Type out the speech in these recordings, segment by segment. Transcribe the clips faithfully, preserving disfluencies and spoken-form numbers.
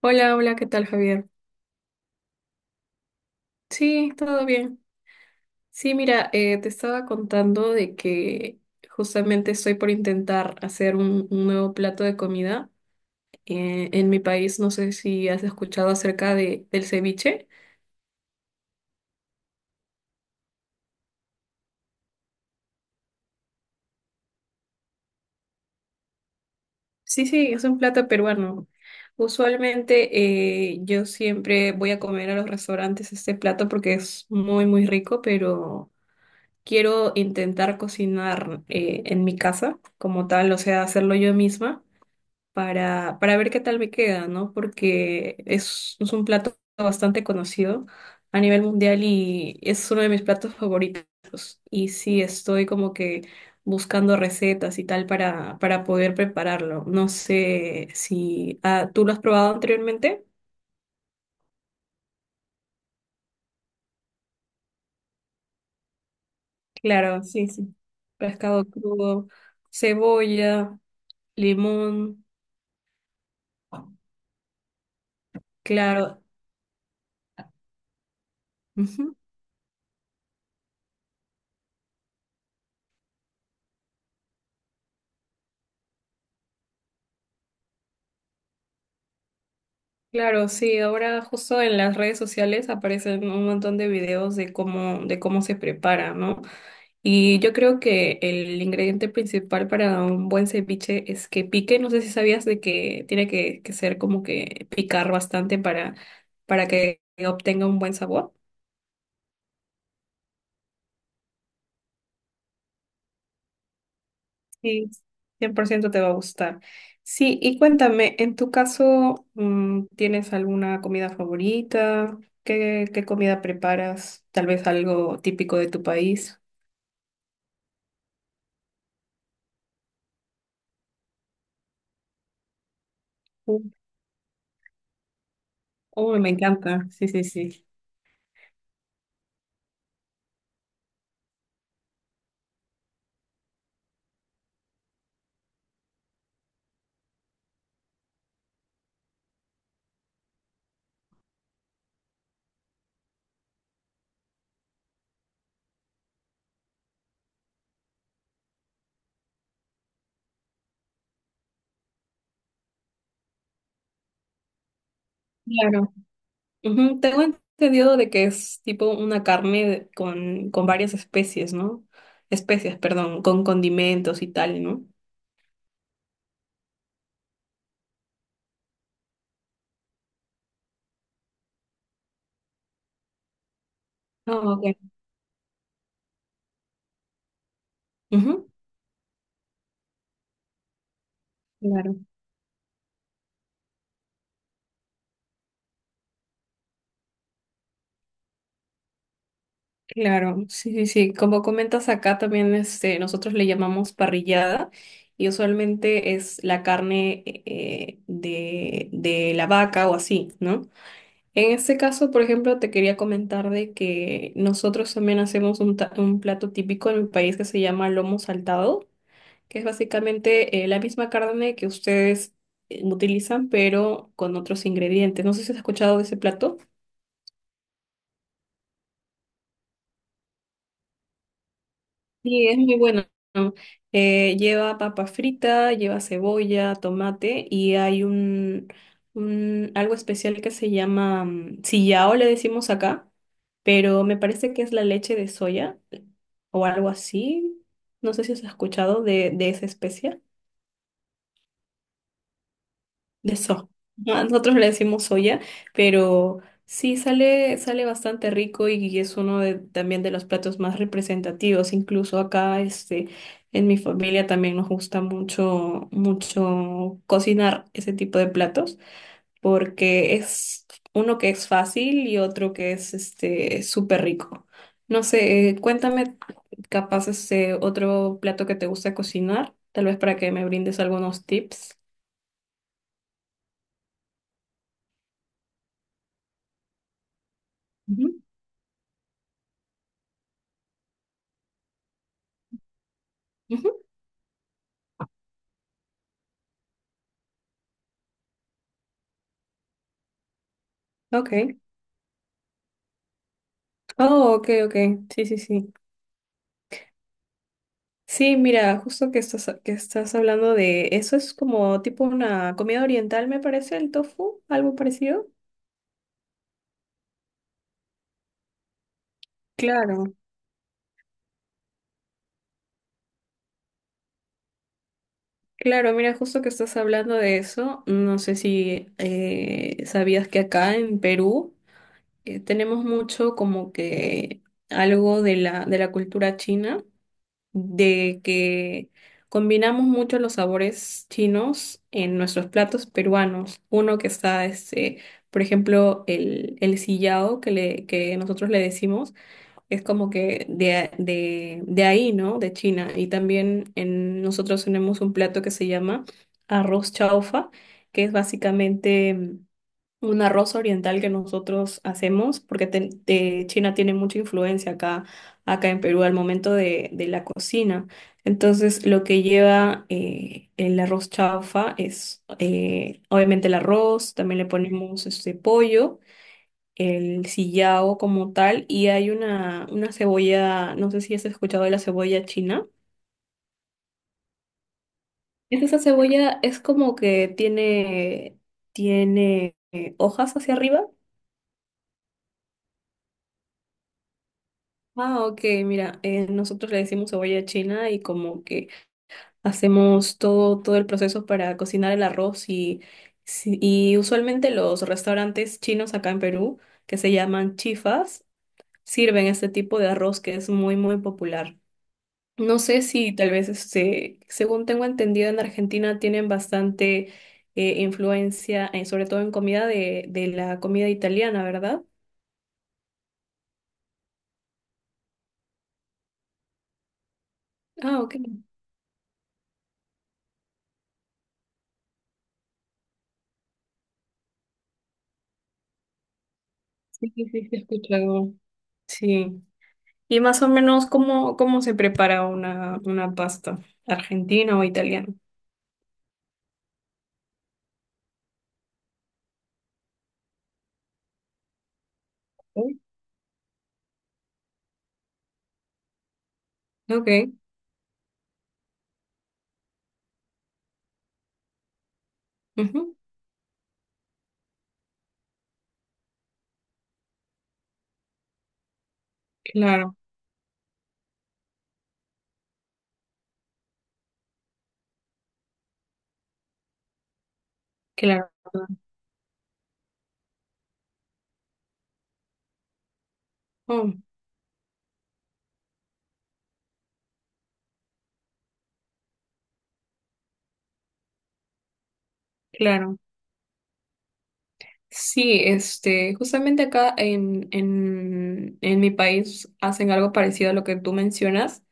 Hola, hola, ¿qué tal, Javier? Sí, todo bien. Sí, mira, eh, te estaba contando de que justamente estoy por intentar hacer un, un nuevo plato de comida. Eh, en mi país, no sé si has escuchado acerca de, del ceviche. Sí, sí, es un plato peruano. Usualmente eh, yo siempre voy a comer a los restaurantes este plato porque es muy, muy rico, pero quiero intentar cocinar eh, en mi casa como tal, o sea, hacerlo yo misma. para, para ver qué tal me queda, ¿no? Porque es, es un plato bastante conocido a nivel mundial y es uno de mis platos favoritos. Y sí, estoy como que buscando recetas y tal para, para poder prepararlo. No sé si ah, tú lo has probado anteriormente. Claro, sí, sí. Pescado crudo, cebolla, limón, claro. Ujú. Claro, sí, ahora justo en las redes sociales aparecen un montón de videos de cómo, de cómo se prepara, ¿no? Y yo creo que el ingrediente principal para un buen ceviche es que pique. No sé si sabías de que tiene que, que ser como que picar bastante para, para que obtenga un buen sabor. Sí, cien por ciento te va a gustar. Sí, y cuéntame, en tu caso, mm, ¿tienes alguna comida favorita? ¿Qué, qué comida preparas? Tal vez algo típico de tu país. Uy, uy, me encanta. Sí, sí, sí. Claro. Ujú. Tengo entendido de que es tipo una carne con, con varias especies, ¿no? Especias, perdón, con condimentos y tal, ¿no? Ah, ok. Ujú. Claro. Claro, sí, sí, sí. Como comentas acá también, este, nosotros le llamamos parrillada y usualmente es la carne eh, de, de la vaca o así, ¿no? En este caso, por ejemplo, te quería comentar de que nosotros también hacemos un, ta- un plato típico en mi país que se llama lomo saltado, que es básicamente eh, la misma carne que ustedes eh, utilizan, pero con otros ingredientes. No sé si has escuchado de ese plato. Sí, es muy bueno. Eh, lleva papa frita, lleva cebolla, tomate y hay un, un algo especial que se llama mm, sillao, le decimos acá, pero me parece que es la leche de soya o algo así. No sé si has escuchado de, de esa especia de soja. Ah, nosotros le decimos soya, pero sí sale, sale bastante rico y y es uno de, también de los platos más representativos. Incluso acá, este, en mi familia también nos gusta mucho, mucho cocinar ese tipo de platos, porque es uno que es fácil y otro que es este súper rico. No sé, eh, cuéntame capaz este otro plato que te gusta cocinar, tal vez para que me brindes algunos tips. Ujú. Ujú. Ok. Oh, ok, ok. Sí, sí, sí. Sí, mira, justo que estás, que estás hablando de eso, es como tipo una comida oriental, me parece, el tofu, algo parecido. Claro, claro, mira, justo que estás hablando de eso, no sé si eh, sabías que acá en Perú eh, tenemos mucho como que algo de la, de la cultura china. De que combinamos mucho los sabores chinos en nuestros platos peruanos. Uno que está, este, por ejemplo, el, el sillao que, le, que nosotros le decimos, es como que de, a- de, de ahí, ¿no? De China. Y también en, nosotros tenemos un plato que se llama arroz chaufa, que es básicamente un arroz oriental que nosotros hacemos, porque ten- eh, China tiene mucha influencia acá, acá en Perú al momento de, de la cocina. Entonces, lo que lleva eh, el arroz chaufa es eh, obviamente el arroz, también le ponemos este pollo, el sillao como tal, y hay una, una cebolla, no sé si has escuchado de la cebolla china. Es esa cebolla es como que tiene, tiene eh, hojas hacia arriba. Ah, ok, mira, eh, nosotros le decimos cebolla china y como que hacemos todo, todo el proceso para cocinar el arroz y, si- y usualmente los restaurantes chinos acá en Perú, que se llaman chifas, sirven este tipo de arroz que es muy, muy popular. No sé si tal vez, este, según tengo entendido, en Argentina tienen bastante eh, influencia, eh, sobre todo en comida de, de la comida italiana, ¿verdad? Ah, ok, sí, sí, sí, sí, he escuchado. Sí. Y más o menos, ¿cómo, cómo se prepara una, una pasta argentina o italiana? Sí. Ok, ujú, claro, claro. Oh, claro. Sí, este, justamente acá en, en, en mi país hacen algo parecido a lo que tú mencionas,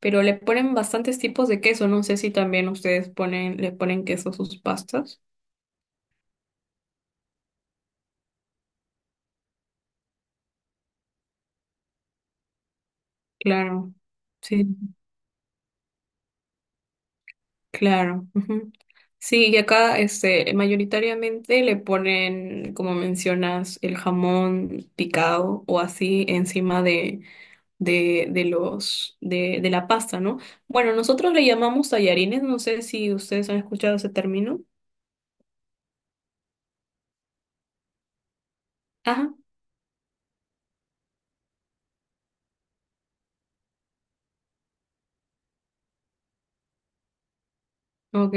pero le ponen bastantes tipos de queso. No sé si también ustedes ponen, le ponen queso a sus pastas. Claro. Sí. Claro. Ujú. Sí, y acá este, mayoritariamente le ponen, como mencionas, el jamón picado o así encima de, de, de los, de, de la pasta, ¿no? Bueno, nosotros le llamamos tallarines, no sé si ustedes han escuchado ese término. Ajá, ok,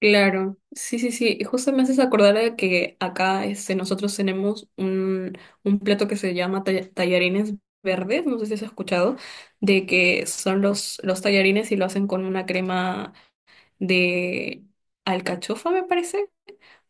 claro, sí, sí, sí. Y justo me haces acordar de que acá este, nosotros tenemos un, un plato que se llama talla- tallarines verdes, no sé si has escuchado, de que son los, los tallarines y lo hacen con una crema de alcachofa, me parece,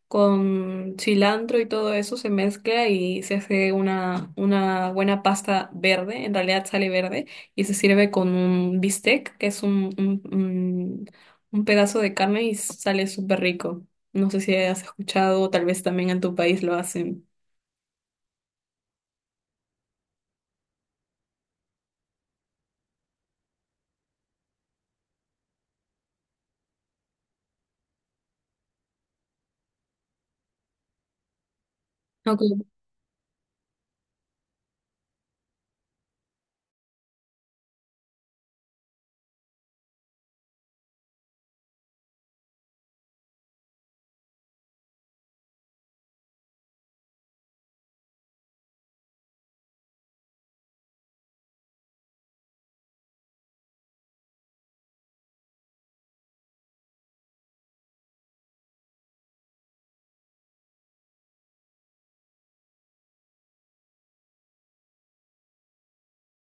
con cilantro y todo eso se mezcla y se hace una, una buena pasta verde, en realidad sale verde, y se sirve con un bistec, que es un, un, un- un pedazo de carne y sale súper rico. No sé si has escuchado, o tal vez también en tu país lo hacen.